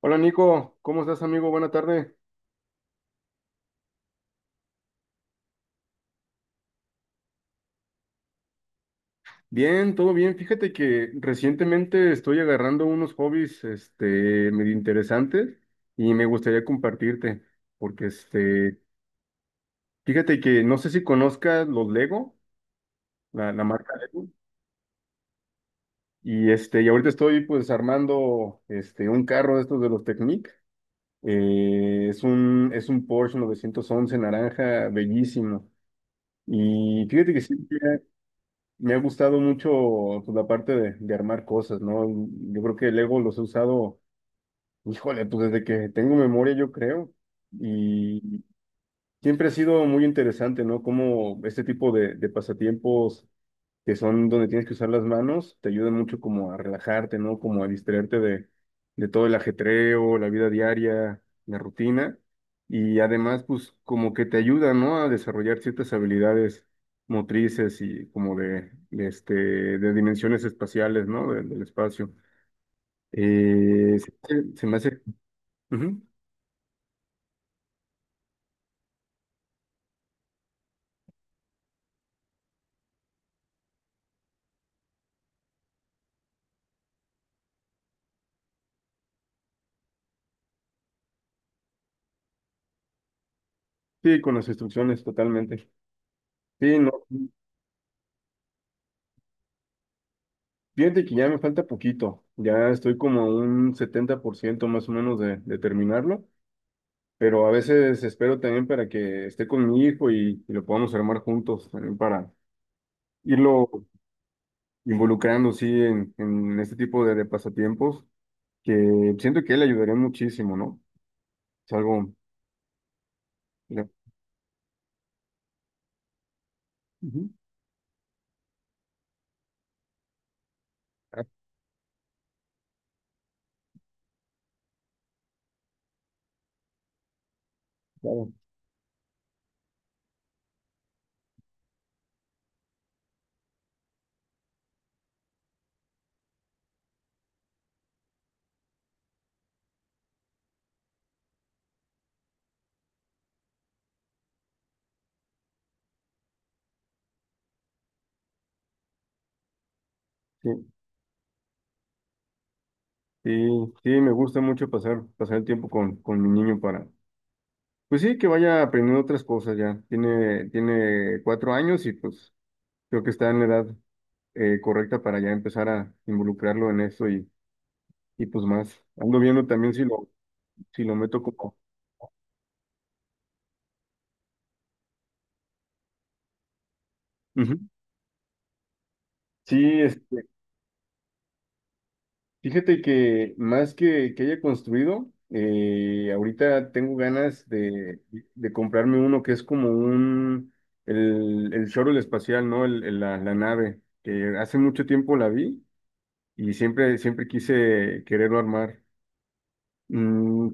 Hola Nico, ¿cómo estás, amigo? Buena tarde. Bien, todo bien. Fíjate que recientemente estoy agarrando unos hobbies, medio interesantes, y me gustaría compartirte, porque fíjate que no sé si conozcas los Lego, la marca Lego. Y y ahorita estoy, pues, armando, un carro de estos de los Technic. Es un Porsche 911, naranja, bellísimo. Y fíjate que sí. Me ha gustado mucho, pues, la parte de armar cosas, ¿no? Yo creo que Lego los he usado, híjole, pues desde que tengo memoria, yo creo. Y siempre ha sido muy interesante, ¿no? Cómo este tipo de pasatiempos que son donde tienes que usar las manos te ayudan mucho, como a relajarte, ¿no? Como a distraerte de todo el ajetreo, la vida diaria, la rutina. Y además, pues, como que te ayuda, ¿no? A desarrollar ciertas habilidades motrices y como de dimensiones espaciales, ¿no? Del espacio. Eh, se se, me hace... Ujú. Sí, con las instrucciones, totalmente. Sí, no. Fíjate que ya me falta poquito. Ya estoy como a un 70%, más o menos, de terminarlo. Pero a veces espero también para que esté con mi hijo y, lo podamos armar juntos también para irlo involucrando, sí, en este tipo de pasatiempos, que siento que le ayudaría muchísimo, ¿no? Es algo... Ya. Ujú. Ah, claro. Sí, sí, sí, me gusta mucho pasar, pasar el tiempo con mi niño para, pues sí, que vaya aprendiendo otras cosas ya. Tiene 4 años y, pues, creo que está en la edad correcta para ya empezar a involucrarlo en eso. Y, pues, más, ando viendo también si lo meto como... Ujú. Sí, fíjate que más que haya construido, ahorita tengo ganas de comprarme uno que es como un, el shuttle espacial, ¿no? La nave, que hace mucho tiempo la vi, y siempre, siempre quise quererlo armar. Mm,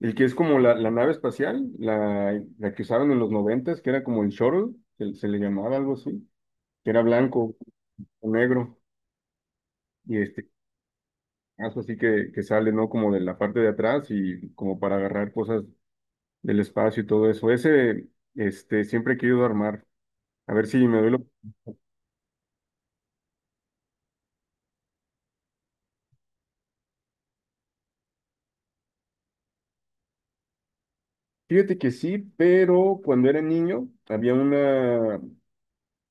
el que es como la nave espacial, la que usaron en los noventas, que era como el shuttle, se le llamaba algo así, que era blanco. O negro. Y caso así que sale, ¿no? Como de la parte de atrás y como para agarrar cosas del espacio y todo eso. Siempre he querido armar. A ver si me duelo. Fíjate que sí, pero cuando era niño había una,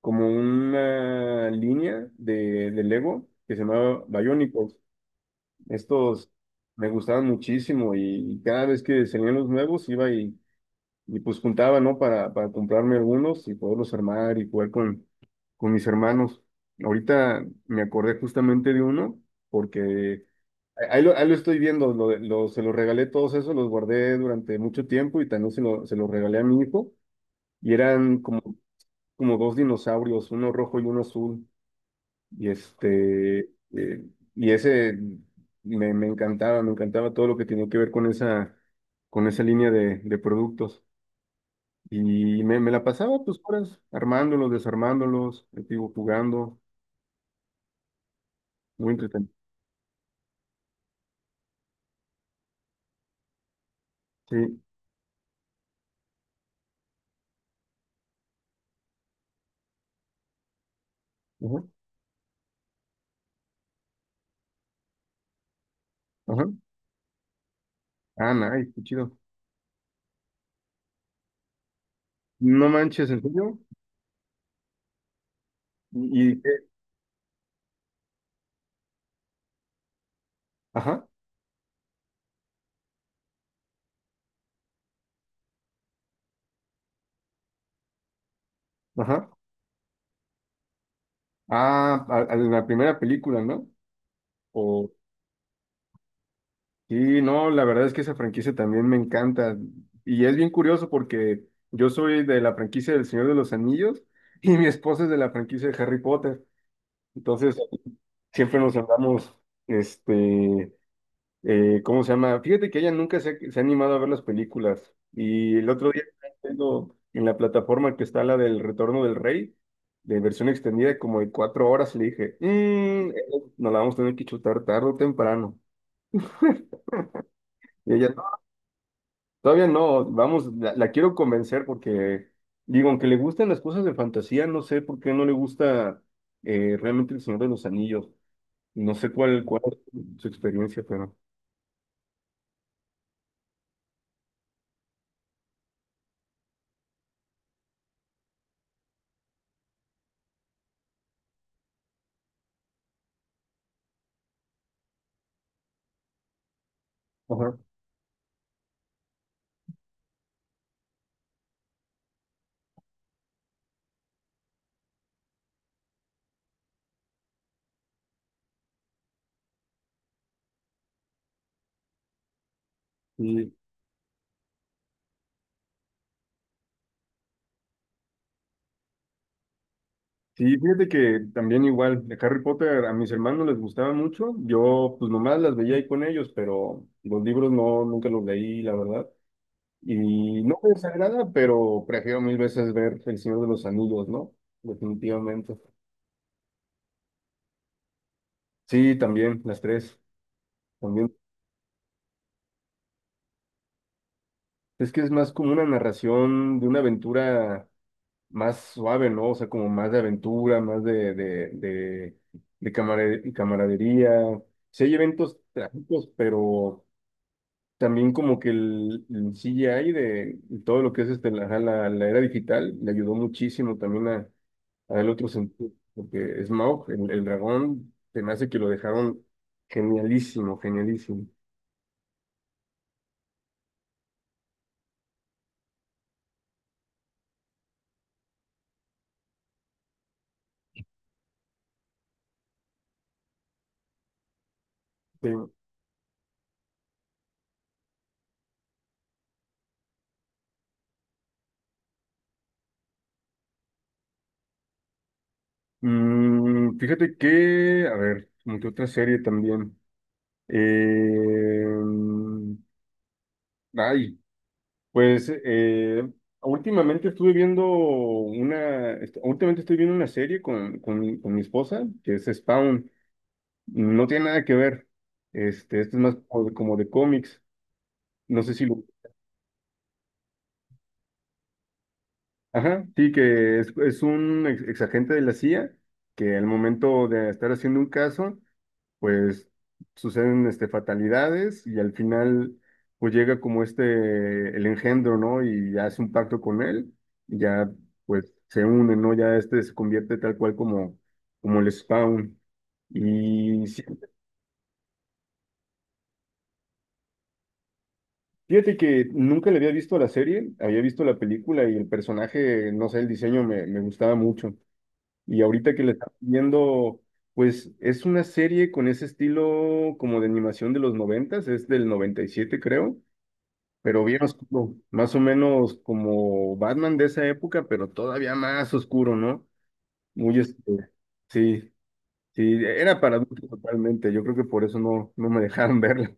como una línea de Lego que se llamaba Bionicles. Estos me gustaban muchísimo, y cada vez que salían los nuevos iba y, pues, juntaba, ¿no? Para comprarme algunos y poderlos armar y jugar con mis hermanos. Ahorita me acordé justamente de uno, porque ahí lo estoy viendo, se los regalé todos esos, los guardé durante mucho tiempo y también se los regalé a mi hijo. Y eran como, como dos dinosaurios, uno rojo y uno azul. Y eh, ese me encantaba todo lo que tenía que ver con esa línea de productos. Y me la pasaba, pues, horas armándolos, desarmándolos, digo, jugando, muy entretenido. Sí, ajá, ajá. Ah, nice, qué chido. No manches, ¿en serio? Y, y- ajá, ajá. Ah, a la primera película, ¿no? O, sí, no, la verdad es que esa franquicia también me encanta. Y es bien curioso porque yo soy de la franquicia del Señor de los Anillos y mi esposa es de la franquicia de Harry Potter. Entonces, siempre nos andamos, este ¿cómo se llama? Fíjate que ella nunca se ha animado a ver las películas. Y el otro día estaba viendo en la plataforma que está la del Retorno del Rey, de versión extendida, como de 4 horas, y le dije: "Mm, nos la vamos a tener que chutar tarde o temprano". Y ella: "No, todavía no". Vamos, la quiero convencer porque, digo, aunque le gustan las cosas de fantasía, no sé por qué no le gusta, realmente, El Señor de los Anillos. No sé cuál es su experiencia, pero... Ajá. Sí, fíjate que también igual, de Harry Potter, a mis hermanos les gustaba mucho. Yo, pues, nomás las veía ahí con ellos, pero los libros no, nunca los leí, la verdad, y no me desagrada, pero prefiero mil veces ver El Señor de los Anillos, ¿no? Definitivamente. Sí, también, las tres, también. Es que es más como una narración de una aventura más suave, ¿no? O sea, como más de aventura, más de camaradería. Sí hay eventos trágicos, pero... También como que el CGI de todo lo que es ajá, la era digital le ayudó muchísimo también a el otro sentido, porque Smaug, el dragón, se me hace que lo dejaron genialísimo, genialísimo. Sí. Fíjate que, a ver, como que otra serie también. Eh, mm, ay, pues, últimamente estuve viendo una, últimamente estoy viendo una serie con, mi esposa, que es Spawn. No tiene nada que ver. Este es más como de cómics. No sé si lo... Ajá, sí, que es un exagente de la CIA que, al momento de estar haciendo un caso, pues, suceden, fatalidades, y al final, pues, llega como el engendro, ¿no? Y hace un pacto con él, y ya, pues, se une, ¿no? Ya se convierte tal cual como, como el Spawn. Y sí, fíjate que nunca le había visto la serie, había visto la película y el personaje, no sé, el diseño me gustaba mucho. Y ahorita que le estaba viendo, pues, es una serie con ese estilo como de animación de los noventas, es del noventa y siete, creo, pero bien oscuro, más o menos como Batman de esa época, pero todavía más oscuro, ¿no? Muy sí, sí, era para adultos totalmente. Yo creo que por eso no, no me dejaron verla.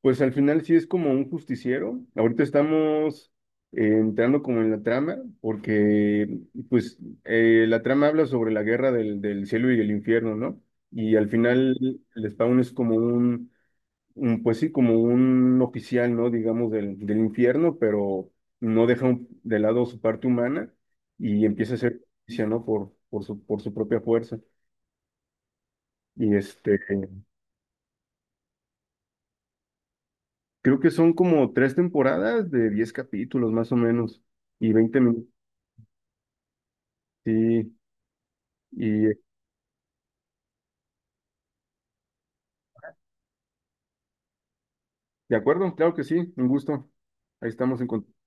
Pues al final sí es como un justiciero. Ahorita estamos entrando como en la trama, porque, pues, la trama habla sobre la guerra del cielo y el infierno, ¿no? Y al final el Spawn es como pues sí, como un oficial, ¿no? Digamos del infierno, pero no deja de lado su parte humana y empieza a hacer justicia, ¿no? Por su propia fuerza. Y creo que son como tres temporadas de 10 capítulos, más o menos, y 20 minutos. Sí, y de acuerdo, claro que sí. Un gusto. Ahí estamos en contacto.